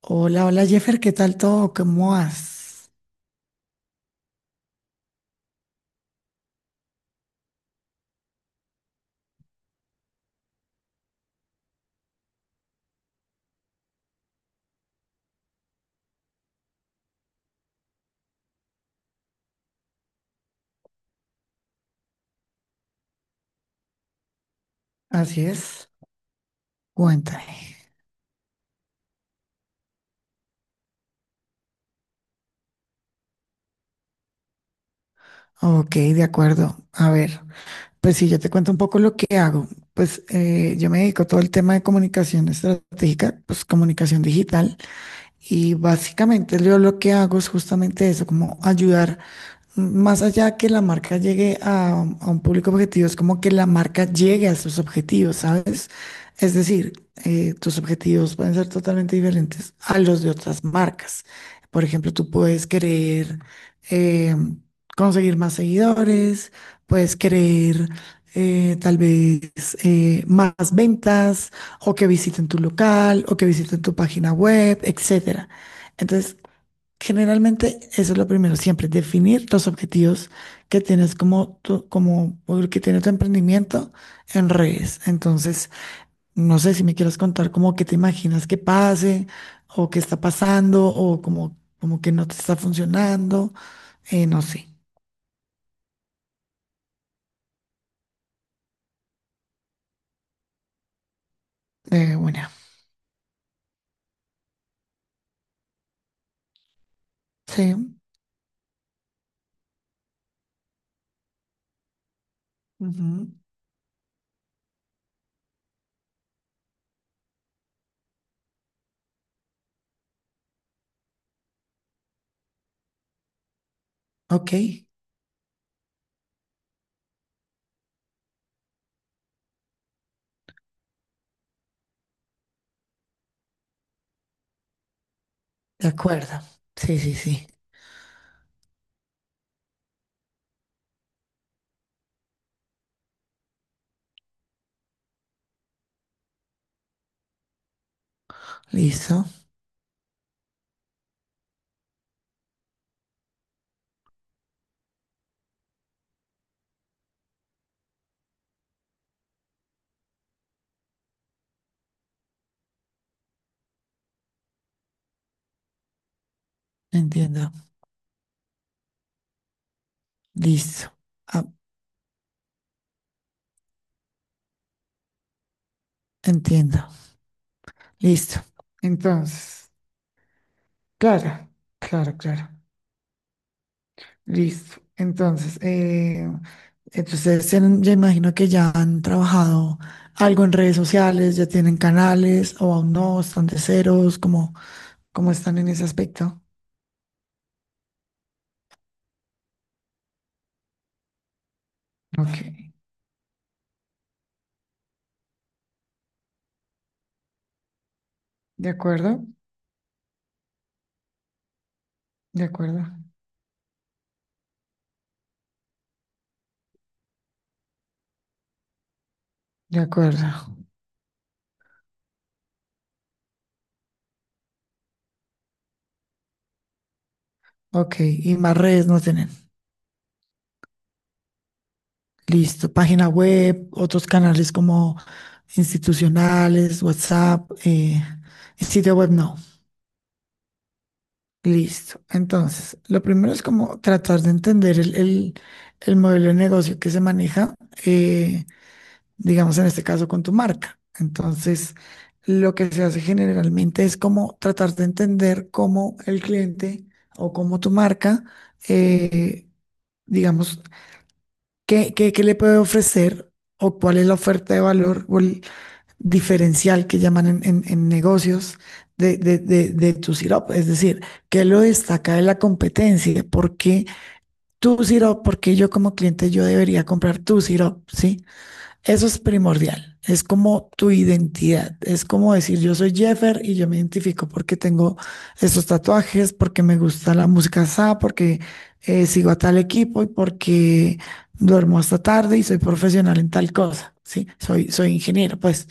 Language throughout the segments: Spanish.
Hola, hola Jeffer, ¿qué tal todo? ¿Cómo vas? Así es, cuéntame. Ok, de acuerdo. A ver, pues sí, yo te cuento un poco lo que hago. Pues yo me dedico a todo el tema de comunicación estratégica, pues comunicación digital, y básicamente yo lo que hago es justamente eso, como ayudar. Más allá que la marca a un público objetivo, es como que la marca llegue a sus objetivos, ¿sabes? Es decir, tus objetivos pueden ser totalmente diferentes a los de otras marcas. Por ejemplo, tú puedes querer eh, conseguir más seguidores, puedes querer tal vez más ventas o que visiten tu local o que visiten tu página web, etcétera. Entonces, generalmente, eso es lo primero, siempre definir los objetivos que tienes como, como o el que tiene tu emprendimiento en redes. Entonces, no sé si me quieres contar como que te imaginas que pase o qué está pasando o como que no te está funcionando. No sé. Bueno, sí. Ujú. Ok, de acuerdo. Sí, sí, sí. Listo. Entiendo. Listo. Ah, entiendo. Listo. Entonces. Claro, claro, claro. Listo. Entonces, entonces se ya imagino que ya han trabajado algo en redes sociales, ya tienen canales o aún no, están de ceros, cómo ¿cómo están en ese aspecto? Ok, de acuerdo, de acuerdo, de acuerdo. Ok, ¿y más redes no tienen? Listo, ¿página web, otros canales como institucionales, WhatsApp, sitio web no? Listo. Entonces, lo primero es como tratar de entender el modelo de negocio que se maneja, eh, digamos en este caso con tu marca. Entonces, lo que se hace generalmente es como tratar de entender cómo el cliente o cómo tu marca, eh, digamos, qué le puede ofrecer o cuál es la oferta de valor diferencial que llaman en negocios de tu sirope. Es decir, ¿qué lo destaca de la competencia? ¿Por qué tu sirope? ¿Por qué yo como cliente yo debería comprar tu sirope? ¿Sí? Eso es primordial. Es como tu identidad. Es como decir, yo soy Jeffer y yo me identifico porque tengo estos tatuajes, porque me gusta la música SA, porque sigo a tal equipo y porque duermo hasta tarde y soy profesional en tal cosa. Sí, soy ingeniero, pues.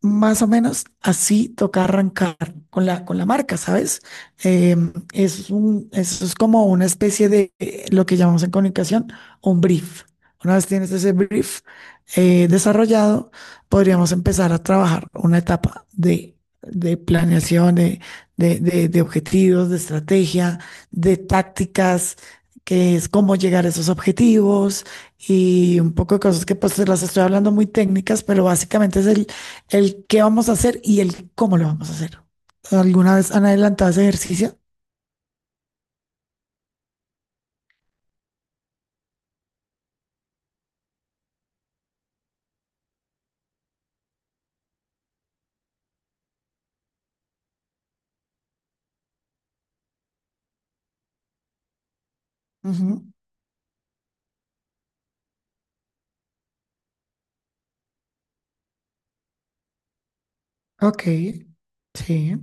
Más o menos así toca arrancar con con la marca, ¿sabes? Em, es un, eso es como una especie de lo que llamamos en comunicación un brief. Una vez tienes ese brief desarrollado, podríamos empezar a trabajar una etapa de planeación, de objetivos, de estrategia, de tácticas, que es cómo llegar a esos objetivos y un poco de cosas que pues te las estoy hablando muy técnicas, pero básicamente es el qué vamos a hacer y el cómo lo vamos a hacer. ¿Alguna vez han adelantado ese ejercicio? Ujú. Ok, sí,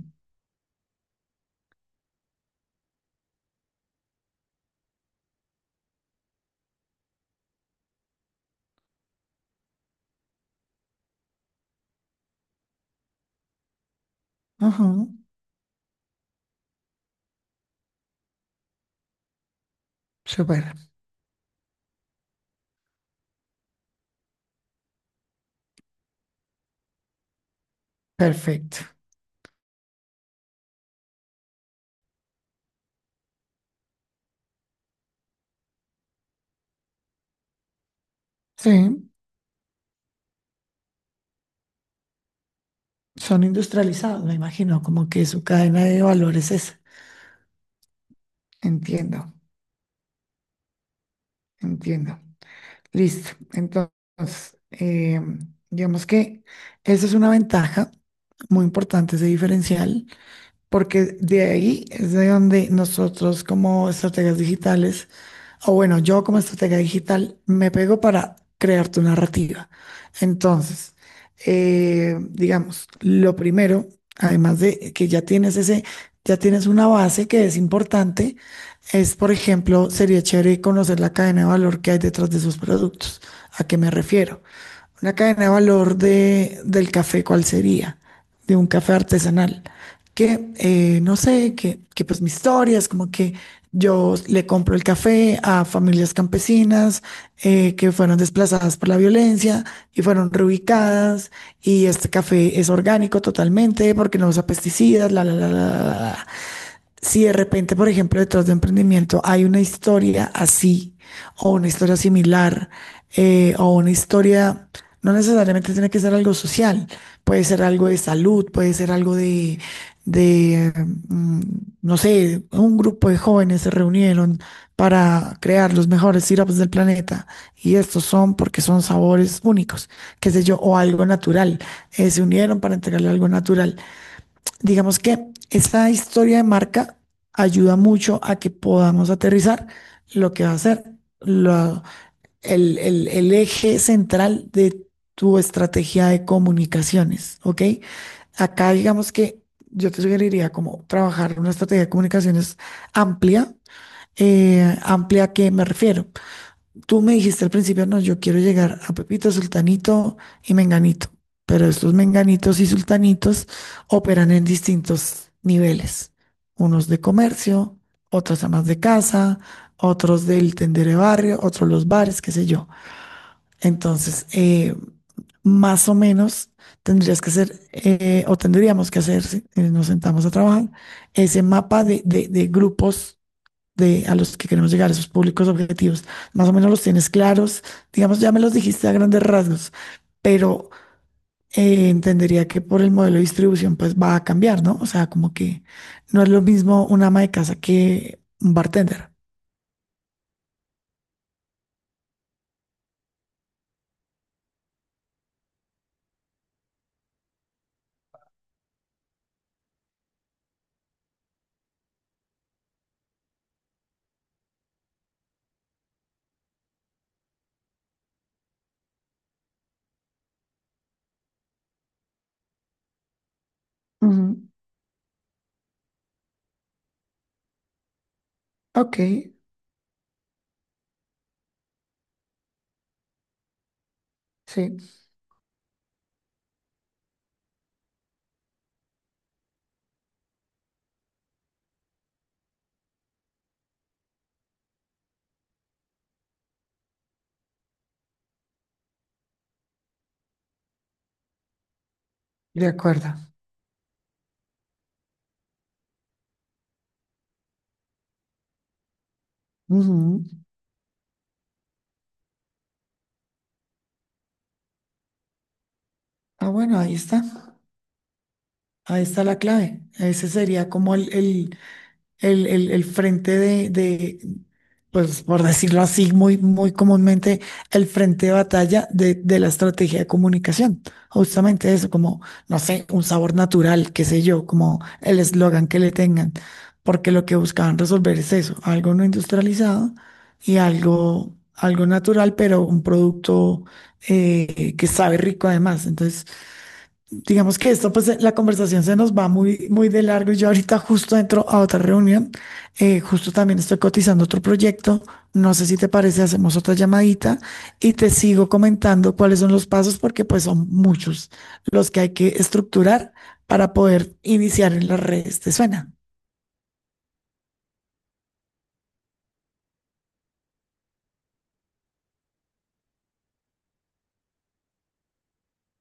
ujú, súper, perfecto. Sí, son industrializados, me imagino, como que su cadena de valores es. Entiendo, entiendo. Listo. Entonces, digamos que esa es una ventaja muy importante, ese diferencial, porque de ahí es de donde nosotros como estrategas digitales. O bueno, yo como estratega digital me pego para crear tu narrativa. Entonces, digamos, lo primero, además de que ya tienes ya tienes una base que es importante, es, por ejemplo, sería chévere conocer la cadena de valor que hay detrás de sus productos. ¿A qué me refiero? Una cadena de valor del café, ¿cuál sería? De un café artesanal. Que, no sé, que pues mi historia es como que yo le compro el café a familias campesinas, que fueron desplazadas por la violencia y fueron reubicadas y este café es orgánico totalmente porque no usa pesticidas, la, la, la, la, la. La. Si de repente, por ejemplo, detrás de emprendimiento hay una historia así o una historia similar, o una historia, no necesariamente tiene que ser algo social, puede ser algo de salud, puede ser algo de, mm, no sé, un grupo de jóvenes se reunieron para crear los mejores sirops del planeta y estos son porque son sabores únicos, qué sé yo, o algo natural, se unieron para entregarle algo natural. Digamos que esta historia de marca ayuda mucho a que podamos aterrizar lo que va a ser lo- el eje central de tu estrategia de comunicaciones, ¿ok? Acá digamos que yo te sugeriría como trabajar una estrategia de comunicaciones amplia. ¿Amplia a qué me refiero? Tú me dijiste al principio, no, yo quiero llegar a Pepito, Sultanito y Menganito, pero estos Menganitos y Sultanitos operan en distintos niveles, unos de comercio, otros amas de casa, otros del tendero de barrio, otros los bares, qué sé yo. Entonces, más o menos tendrías que hacer, o tendríamos que hacer, si nos sentamos a trabajar, ese mapa de grupos de a los que queremos llegar, esos públicos objetivos. Más o menos los tienes claros, digamos, ya me los dijiste a grandes rasgos, pero entendería que por el modelo de distribución pues va a cambiar, ¿no? O sea, como que no es lo mismo un ama de casa que un bartender. Ujú. Ok, sí, de acuerdo. Ujú. Ah, bueno, ahí está. Ahí está la clave. Ese sería como el frente pues por decirlo así, muy, muy comúnmente, el frente de batalla de la estrategia de comunicación. Justamente eso, como, no sé, un sabor natural, qué sé yo, como el eslogan que le tengan, porque lo que buscaban resolver es eso, algo no industrializado y algo, algo natural, pero un producto que sabe rico además. Entonces, digamos que esto, pues la conversación se nos va muy, muy de largo. Yo ahorita justo entro a otra reunión. Justo también estoy cotizando otro proyecto. No sé si te parece, hacemos otra llamadita y te sigo comentando cuáles son los pasos, porque pues son muchos los que hay que estructurar para poder iniciar en las redes. ¿Te suena?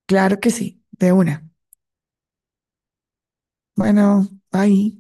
Claro que sí, de una. Bueno, bye.